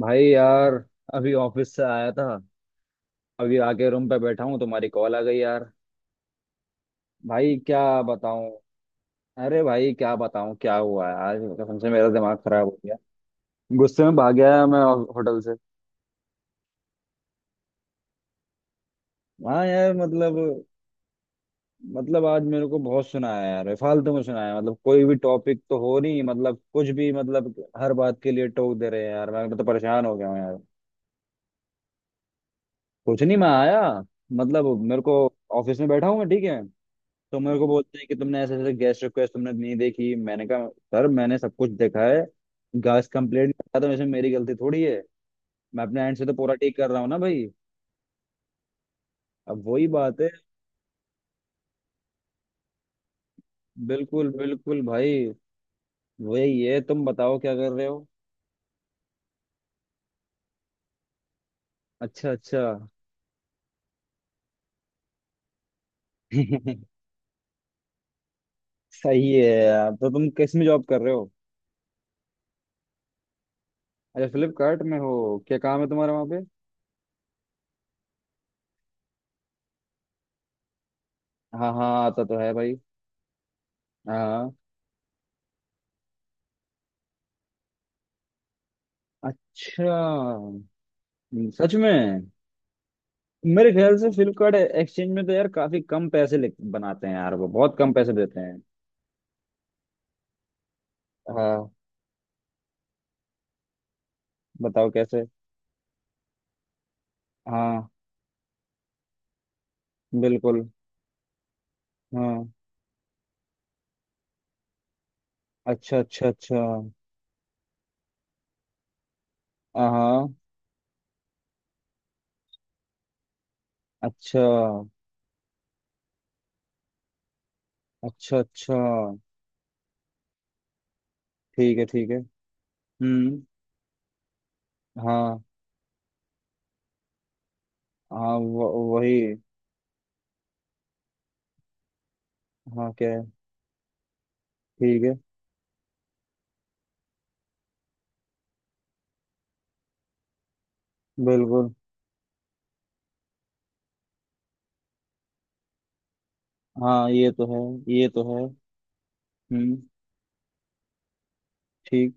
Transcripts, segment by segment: भाई यार, अभी ऑफिस से आया था। अभी आके रूम पे बैठा हूँ, तुम्हारी कॉल आ गई यार। भाई क्या बताऊँ, अरे भाई क्या बताऊँ क्या हुआ है आज, कसम से मेरा दिमाग खराब हो गया। गुस्से में भाग गया मैं होटल से। हाँ यार, मतलब आज मेरे को बहुत सुनाया यार, फालतू में सुनाया। मतलब कोई भी टॉपिक तो हो नहीं, मतलब कुछ भी, मतलब हर बात के लिए टोक दे रहे हैं यार, मैं तो परेशान हो गया हूँ यार। कुछ नहीं, मैं आया, मतलब मेरे को, ऑफिस में बैठा हूँ मैं, ठीक है। तो मेरे को बोलते हैं कि तुमने ऐसे ऐसे गेस्ट रिक्वेस्ट तुमने नहीं देखी। मैंने कहा, सर, मैंने सब कुछ देखा है। गैस कंप्लेंट करा तो इसमें मेरी गलती थोड़ी है। मैं अपने एंड से तो पूरा ठीक कर रहा हूँ ना भाई। अब वही बात है। बिल्कुल बिल्कुल भाई, वही है। तुम बताओ क्या कर रहे हो। अच्छा, अच्छा। सही है यार। तो तुम किस में जॉब कर रहे हो। अच्छा, फ्लिपकार्ट में हो। क्या काम है तुम्हारा वहाँ पे। हाँ हाँ, आता तो है भाई। हाँ। अच्छा। सच में। मेरे ख्याल से फ्लिपकार्ट एक्सचेंज में तो यार काफी कम पैसे बनाते हैं यार, वो बहुत कम पैसे देते हैं। हाँ बताओ कैसे। हाँ। बिल्कुल। हाँ। अच्छा अच्छा अच्छा। हाँ हाँ। अच्छा अच्छा अच्छा। ठीक है ठीक है। हम्म। हाँ हाँ, वही। हाँ क्या है। ठीक है। बिल्कुल। हाँ, ये तो है। ये तो है। हम्म। ठीक।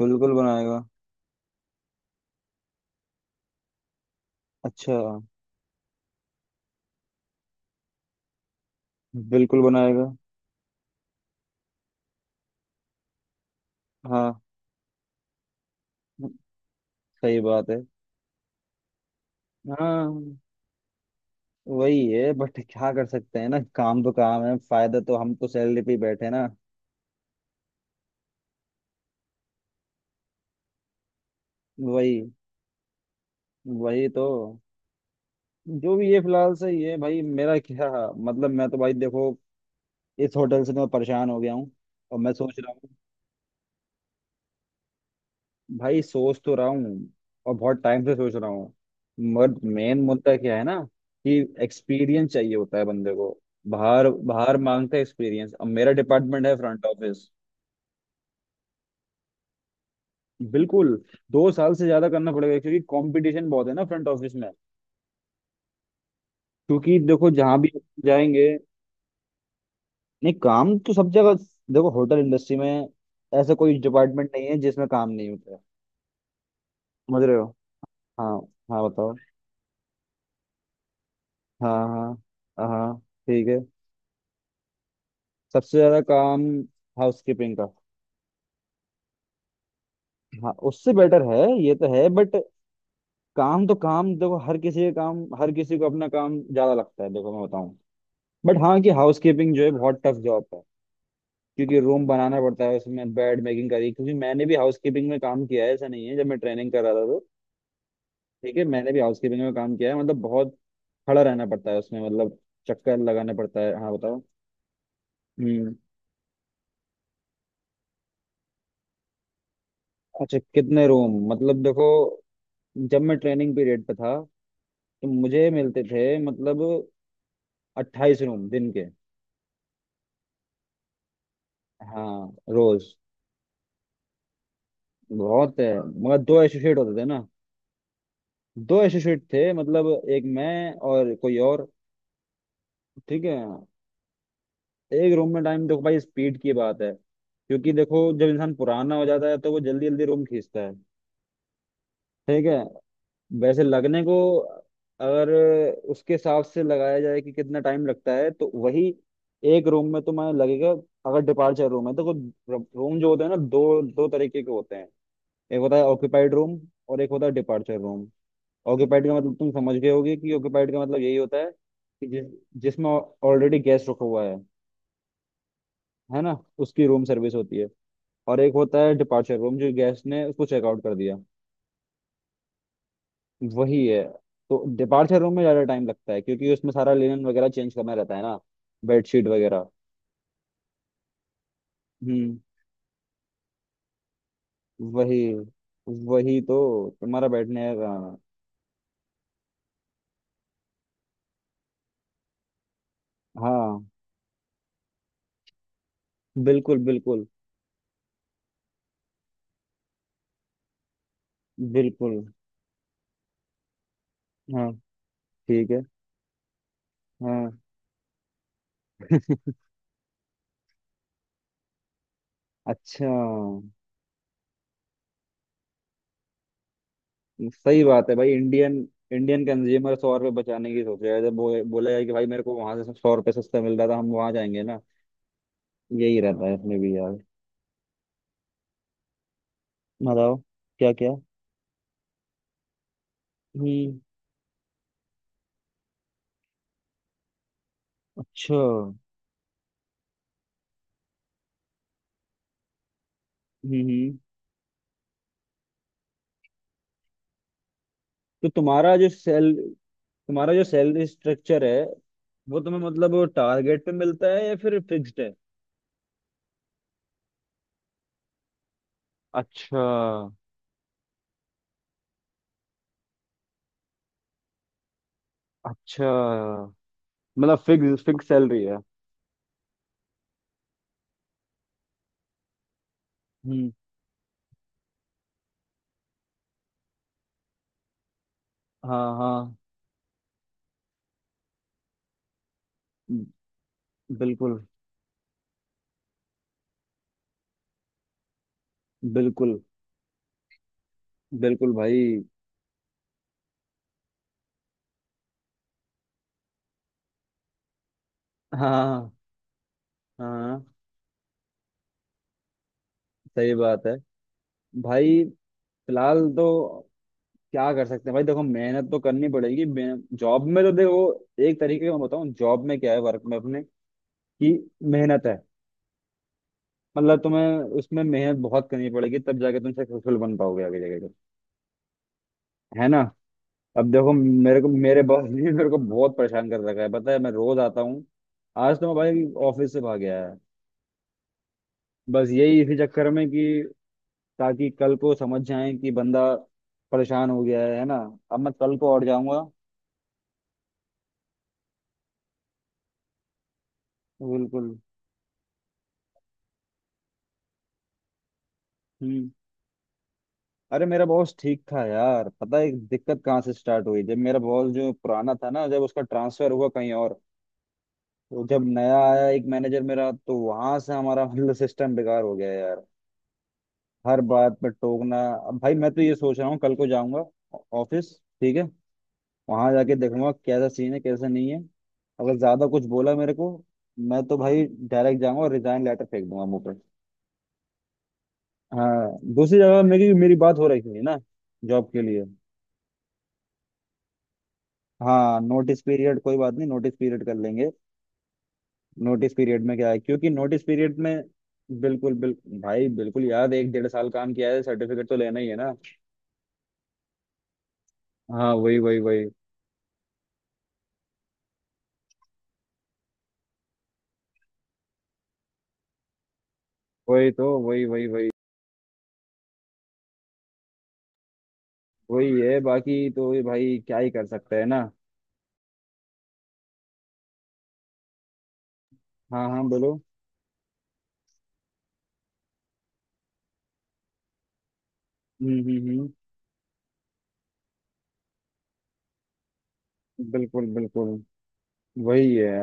बिल्कुल बनाएगा। अच्छा। बिल्कुल बनाएगा। हाँ। सही बात है। हाँ। वही है। बट क्या कर सकते हैं ना, काम तो काम है। फायदा तो, हम तो सैलरी पे ही बैठे हैं ना। वही। वही तो। जो भी ये फिलहाल सही है भाई मेरा। क्या मतलब, मैं तो भाई देखो, इस होटल से तो मैं परेशान हो गया हूँ। और मैं सोच रहा हूँ। भाई सोच तो रहा हूँ, और बहुत टाइम से सोच रहा हूँ। मगर मेन मुद्दा क्या है ना, कि एक्सपीरियंस चाहिए होता है बंदे को। बाहर बाहर मांगते हैं एक्सपीरियंस। अब मेरा डिपार्टमेंट है फ्रंट ऑफिस। बिल्कुल। 2 साल से ज्यादा करना पड़ेगा क्योंकि कंपटीशन बहुत है ना फ्रंट ऑफिस में। क्योंकि देखो जहां भी जाएंगे, नहीं काम तो सब जगह। देखो, होटल इंडस्ट्री में ऐसा कोई डिपार्टमेंट नहीं है जिसमें काम नहीं होता है। समझ रहे हो। हाँ। हाँ बताओ। हाँ हाँ। हाँ हाँ। ठीक है। सबसे ज्यादा काम हाउस कीपिंग का। हाँ, उससे बेटर है। ये तो है बट, काम तो काम, देखो हर किसी का काम हर किसी को अपना काम ज्यादा लगता है। देखो मैं बताऊं, बट हाँ, कि हाउस कीपिंग जो है बहुत टफ जॉब है। क्योंकि रूम बनाना पड़ता है, उसमें बेड मेकिंग करी। क्योंकि मैंने भी हाउस कीपिंग में काम किया है, ऐसा नहीं है। जब मैं ट्रेनिंग कर रहा था तो, ठीक है, मैंने भी हाउस कीपिंग में काम किया है। मतलब बहुत खड़ा रहना पड़ता है उसमें, मतलब चक्कर लगाना पड़ता है। हाँ बताओ। हम्म। अच्छा, कितने रूम मतलब, देखो, जब मैं ट्रेनिंग पीरियड पे था तो मुझे मिलते थे, मतलब, 28 रूम दिन के। हाँ रोज। बहुत है मगर दो एसोसिएट होते थे ना। दो एसोसिएट थे, मतलब एक मैं और कोई और। ठीक है। एक रूम में टाइम, देखो भाई स्पीड की बात है। क्योंकि देखो जब इंसान पुराना हो जाता है तो वो जल्दी जल्दी रूम खींचता है। ठीक है। वैसे लगने को, अगर उसके हिसाब से लगाया जाए कि कितना टाइम लगता है तो वही, एक रूम में तुम्हें लगेगा, अगर डिपार्चर रूम है तो। रूम जो होते हैं ना दो दो तरीके के होते हैं। एक होता है ऑक्यूपाइड रूम, और एक होता है डिपार्चर रूम। ऑक्यूपाइड का मतलब तुम समझ गए होगे कि ऑक्यूपाइड का मतलब यही होता है कि जिस, जिसमें ऑलरेडी गेस्ट रखा हुआ है। है ना। उसकी रूम सर्विस होती है। और एक होता है डिपार्चर रूम जो गेस्ट ने उसको चेकआउट कर दिया। वही है। तो डिपार्चर रूम में ज्यादा टाइम लगता है क्योंकि उसमें सारा लिनन वगैरह चेंज करना रहता है ना, बेडशीट वगैरह। हम्म। वही। वही तो। तुम्हारा बैठने का। हाँ। बिल्कुल बिल्कुल। बिल्कुल। हाँ। ठीक है। हाँ। अच्छा। सही बात है भाई। इंडियन, इंडियन कंज्यूमर 100 रुपये बचाने की सोच रहा है। जब बोला जाए कि भाई मेरे को वहां से 100 रुपये सस्ता मिल रहा था, हम वहां जाएंगे ना। यही रहता है इसमें भी यार। बताओ क्या क्या। हम्म। अच्छा। हम्म। तो तुम्हारा जो सेल, तुम्हारा जो सैलरी स्ट्रक्चर है, वो तुम्हें, मतलब, टारगेट पे मिलता है या फिर फिक्स्ड है। अच्छा। अच्छा, मतलब फिक्स फिक्स सैलरी है। हम्म। हाँ हाँ। बिल्कुल। बिल्कुल बिल्कुल भाई। हाँ हाँ हाँ। सही बात है भाई। फिलहाल तो, क्या कर सकते हैं भाई। देखो, मेहनत तो करनी पड़ेगी जॉब में तो देखो, एक तरीके का मैं बताऊं जॉब में क्या है, वर्क में अपने, कि मेहनत है। मतलब तुम्हें उसमें मेहनत बहुत करनी पड़ेगी तब जाके तुम सक्सेसफुल बन पाओगे आगे जाके। है ना। अब देखो, मेरे बॉस ने मेरे को बहुत परेशान कर रखा है, पता है। मैं रोज आता हूँ। आज तो मैं भाई ऑफिस से भाग गया है। बस यही इसी चक्कर में, कि ताकि कल को समझ जाए कि बंदा परेशान हो गया है ना। अब मैं कल को और जाऊंगा। बिल्कुल। हम्म। अरे, मेरा बॉस ठीक था यार, पता है दिक्कत कहाँ से स्टार्ट हुई। जब मेरा बॉस जो पुराना था ना, जब उसका ट्रांसफर हुआ कहीं और, तो जब नया आया एक मैनेजर मेरा, तो वहां से हमारा, मतलब, सिस्टम बेकार हो गया यार। हर बात पर टोकना। अब भाई मैं तो ये सोच रहा हूँ कल को जाऊंगा ऑफिस, ठीक है। वहां जाके देखूंगा कैसा सीन है कैसा नहीं है। अगर ज्यादा कुछ बोला मेरे को, मैं तो भाई डायरेक्ट जाऊंगा और रिजाइन लेटर फेंक दूंगा मुंह पर। हाँ, दूसरी जगह मेरी मेरी बात हो रही थी ना जॉब के लिए। हाँ नोटिस पीरियड कोई बात नहीं, नोटिस पीरियड कर लेंगे। नोटिस पीरियड में क्या है, क्योंकि नोटिस पीरियड में, बिल्कुल बिल्कुल भाई। बिल्कुल यार, 1-1.5 साल काम किया है, सर्टिफिकेट तो लेना ही है ना। हाँ वही वही वही। वही तो। वही वही वही। वही है। बाकी तो ये भाई क्या ही कर सकते हैं ना। हाँ हाँ बोलो। हम्म। बिल्कुल बिल्कुल। वही है।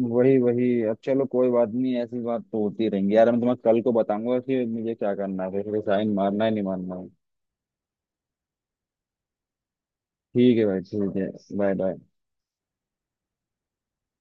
वही वही। अब चलो कोई बात नहीं, ऐसी बात तो होती रहेंगी यार। मैं तुम्हें कल को बताऊंगा कि मुझे क्या करना है, फिर साइन मारना है नहीं मारना है। ठीक है भाई, ठीक है। Bye bye.